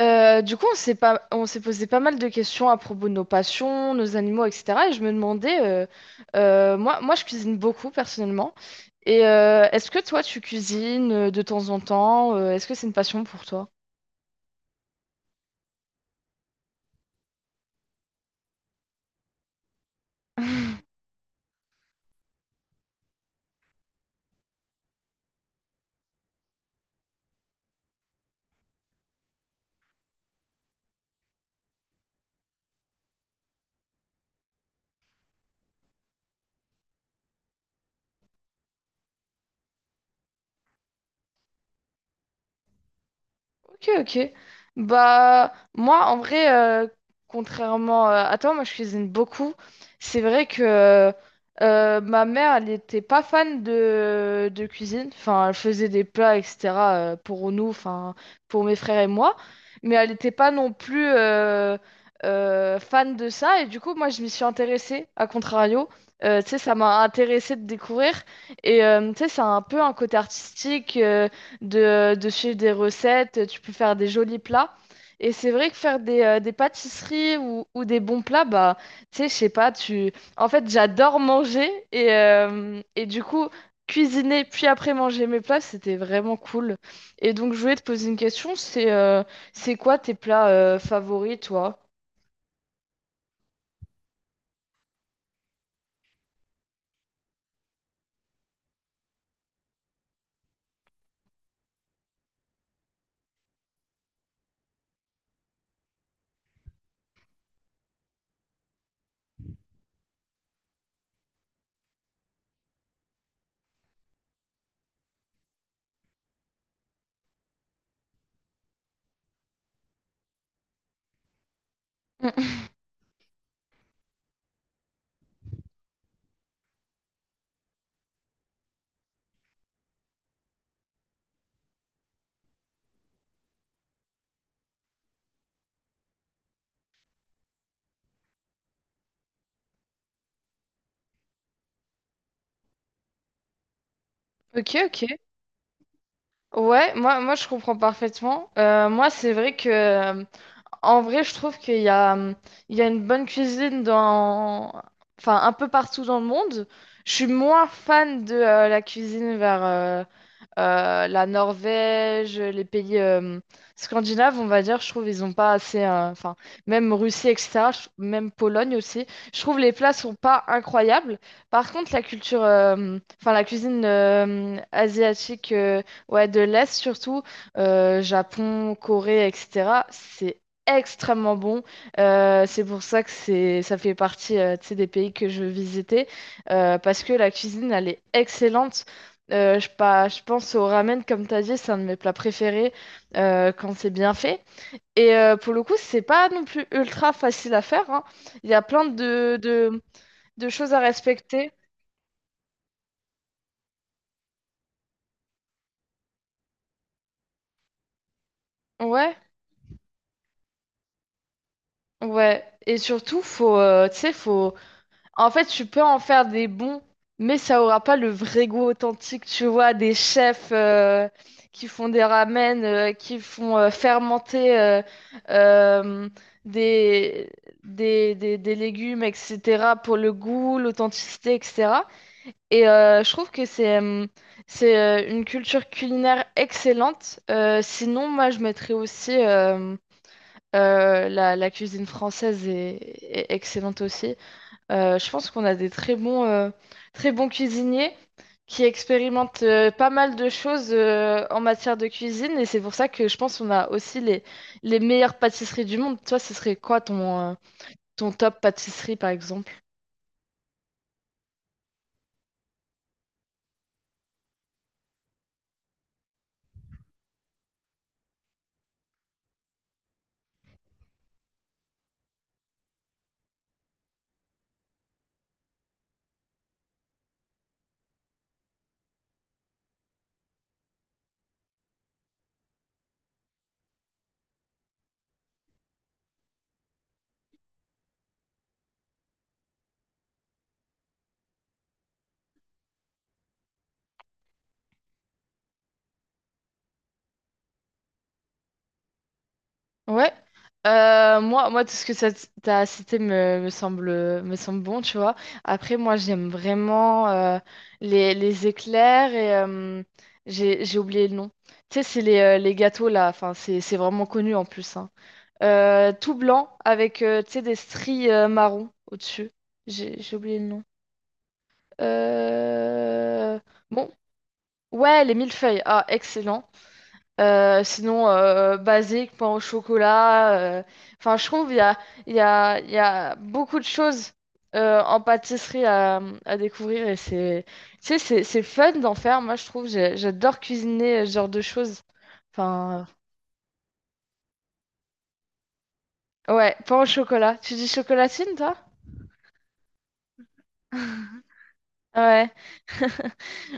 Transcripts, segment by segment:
On s'est pas... on s'est posé pas mal de questions à propos de nos passions, nos animaux, etc. Et je me demandais, moi, je cuisine beaucoup personnellement. Est-ce que toi, tu cuisines de temps en temps? Est-ce que c'est une passion pour toi? Ok, ok. Bah, moi, en vrai, euh, contrairement, à toi, moi, je cuisine beaucoup. C'est vrai que ma mère, elle n'était pas fan de cuisine. Enfin, elle faisait des plats, etc., pour nous, enfin, pour mes frères et moi. Mais elle n'était pas non plus fan de ça. Et du coup, moi, je m'y suis intéressée, à contrario. Tu sais, ça m'a intéressée de découvrir. Et tu sais, ça a un peu un côté artistique. De de suivre des recettes, tu peux faire des jolis plats. Et c'est vrai que faire des pâtisseries ou des bons plats, bah, tu sais, je sais pas, En fait, j'adore manger et du coup, cuisiner puis après manger mes plats, c'était vraiment cool. Et donc, je voulais te poser une question, c'est quoi tes plats favoris, toi? Ok, ok. Ouais, moi je comprends parfaitement. Moi, c'est vrai que en vrai, je trouve qu'il y a, il y a une bonne cuisine dans, enfin, un peu partout dans le monde. Je suis moins fan de la cuisine vers, la Norvège, les pays scandinaves, on va dire, je trouve, ils ont pas assez. Enfin, même Russie, etc., même Pologne aussi. Je trouve les plats sont pas incroyables. Par contre, la culture, enfin, la cuisine asiatique, ouais, de l'Est surtout, Japon, Corée, etc., c'est extrêmement bon. C'est pour ça que c'est, ça fait partie, tu sais, des pays que je veux visiter, parce que la cuisine, elle est excellente. Je pense au ramen, comme tu as dit, c'est un de mes plats préférés quand c'est bien fait. Et pour le coup, c'est pas non plus ultra facile à faire, hein. Il y a plein de choses à respecter. Ouais, ouais. Et surtout, faut, tu sais, en fait, tu peux en faire des bons, mais ça aura pas le vrai goût authentique, tu vois, des chefs qui font des ramen, qui font fermenter euh, des, des légumes, etc., pour le goût, l'authenticité, etc. Je trouve que c'est une culture culinaire excellente. Sinon, moi, je mettrais aussi la cuisine française est excellente aussi. Je pense qu'on a des très bons cuisiniers qui expérimentent pas mal de choses en matière de cuisine et c'est pour ça que je pense qu'on a aussi les meilleures pâtisseries du monde. Toi, ce serait quoi ton, ton top pâtisserie par exemple? Ouais. Moi, tout ce que t'as cité me semble bon, tu vois. Après, moi, j'aime vraiment les éclairs et j'ai oublié le nom. Tu sais, c'est les gâteaux là, enfin, c'est vraiment connu en plus, hein. Tout blanc avec tu sais, des stries marron au-dessus. J'ai oublié le nom. Euh, Bon, ouais, les millefeuilles. Ah, excellent. Sinon, basique, pain au chocolat. Enfin, je trouve il y a beaucoup de choses en pâtisserie à découvrir et tu sais, c'est fun d'en faire. Moi, je trouve, j'adore cuisiner ce genre de choses. Enfin, ouais, pain au chocolat. Tu dis chocolatine, toi? Ouais.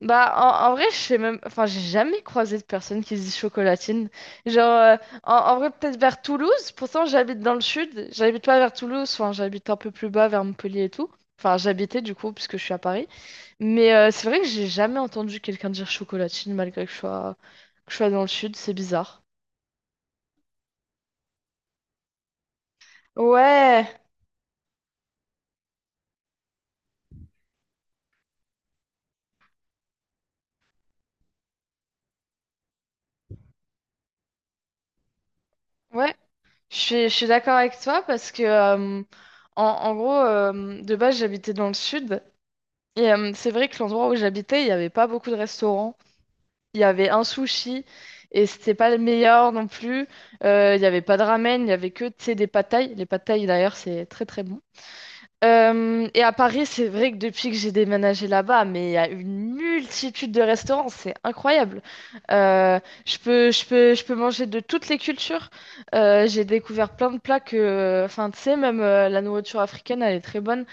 Bah, en vrai, je sais même. Enfin, j'ai jamais croisé de personne qui se dit chocolatine. Genre, en vrai, peut-être vers Toulouse. Pourtant, j'habite dans le sud. J'habite pas vers Toulouse. Enfin, j'habite un peu plus bas, vers Montpellier et tout. Enfin, j'habitais du coup, puisque je suis à Paris. Mais c'est vrai que j'ai jamais entendu quelqu'un dire chocolatine, malgré que je sois dans le sud. C'est bizarre. Ouais, ouais. Je suis d'accord avec toi parce que, en gros, de base, j'habitais dans le sud. Et c'est vrai que l'endroit où j'habitais, il n'y avait pas beaucoup de restaurants. Il y avait un sushi et c'était pas le meilleur non plus. Il y avait pas de ramen, il y avait que, tu sais, des pad thaï. Les pad thaï, d'ailleurs, c'est très très bon. Et à Paris, c'est vrai que depuis que j'ai déménagé là-bas, mais il y a une multitude de restaurants, c'est incroyable. Euh, je peux manger de toutes les cultures. J'ai découvert plein de plats que, enfin, tu sais, même la nourriture africaine, elle est très bonne.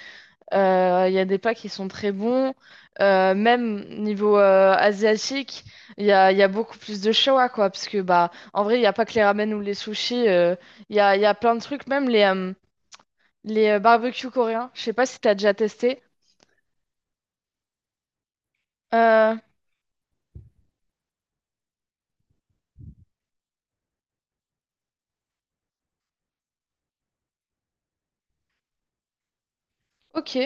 Il y a des plats qui sont très bons. Même niveau asiatique, il y a beaucoup plus de choix, quoi. Parce que, bah, en vrai, il n'y a pas que les ramen ou les sushis. Il y a plein de trucs, même les barbecues coréens. Je sais pas si tu as déjà testé. Euh, Ok,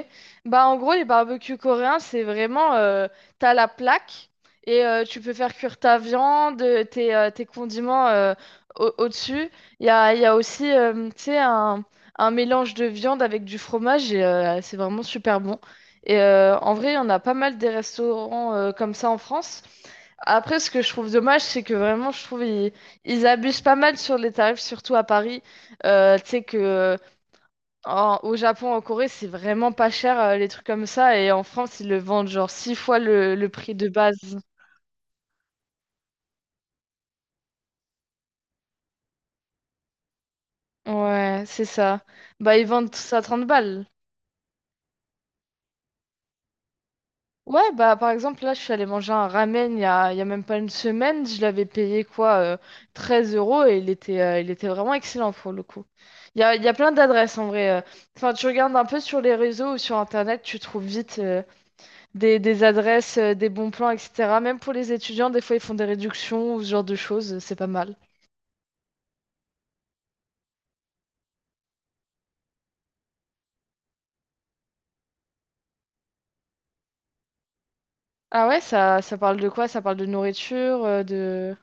bah en gros les barbecues coréens c'est vraiment t'as la plaque et tu peux faire cuire ta viande, tes, tes condiments au-dessus. Il y a aussi tu sais un mélange de viande avec du fromage et c'est vraiment super bon. Et en vrai il y en a pas mal des restaurants comme ça en France. Après, ce que je trouve dommage, c'est que vraiment, je trouve ils abusent pas mal sur les tarifs, surtout à Paris. Tu sais que au Japon, en Corée, c'est vraiment pas cher, les trucs comme ça. Et en France, ils le vendent genre six fois le prix de base. Ouais, c'est ça. Bah, ils vendent ça à 30 balles. Ouais, bah, par exemple, là, je suis allée manger un ramen il y a même pas une semaine. Je l'avais payé quoi, 13 € et il était vraiment excellent pour le coup. Il y a plein d'adresses en vrai. Enfin, tu regardes un peu sur les réseaux ou sur Internet, tu trouves vite des adresses, des bons plans, etc. Même pour les étudiants, des fois, ils font des réductions ou ce genre de choses. C'est pas mal. Ah ouais, ça parle de quoi? Ça parle de nourriture, de...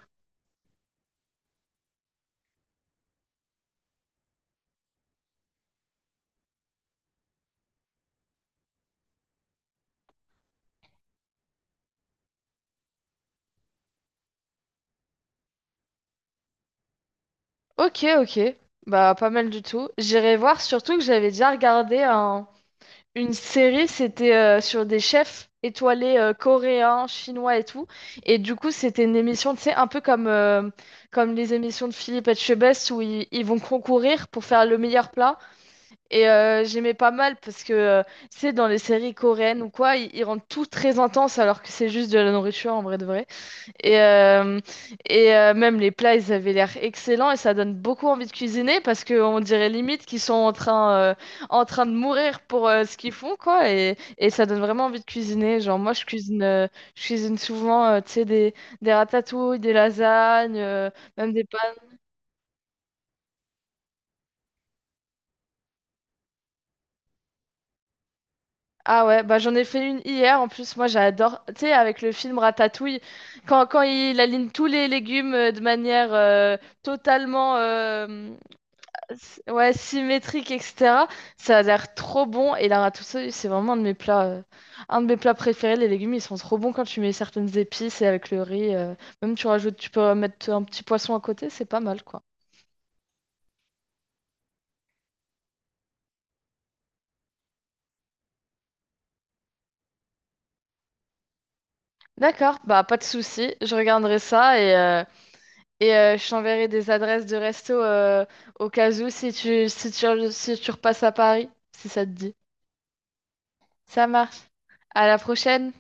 Ok, ok. Bah, pas mal du tout. J'irai voir, surtout que j'avais déjà regardé une série, c'était sur des chefs étoilés coréens, chinois et tout. Et du coup, c'était une émission, tu sais, un peu comme les émissions de Philippe Etchebest où ils vont concourir pour faire le meilleur plat. Et j'aimais pas mal parce que, tu sais, dans les séries coréennes ou quoi, ils rendent tout très intense alors que c'est juste de la nourriture en vrai de vrai. Et, euh, et même les plats, ils avaient l'air excellents et ça donne beaucoup envie de cuisiner parce qu'on dirait limite qu'ils sont en train de mourir pour ce qu'ils font, quoi. Et ça donne vraiment envie de cuisiner. Genre, je cuisine souvent, tu sais, des ratatouilles, des lasagnes, euh, même des. Ah ouais, bah j'en ai fait une hier. En plus, moi j'adore, tu sais, avec le film Ratatouille, quand il aligne tous les légumes de manière totalement euh, ouais, symétrique, etc. Ça a l'air trop bon. Et la ratatouille, c'est vraiment un de mes plats, un de mes plats préférés. Les légumes, ils sont trop bons quand tu mets certaines épices et avec le riz. Même tu rajoutes, tu peux mettre un petit poisson à côté, c'est pas mal quoi. D'accord, bah pas de souci, je regarderai ça et je t'enverrai des adresses de resto au cas où si tu, si tu repasses à Paris, si ça te dit. Ça marche. À la prochaine!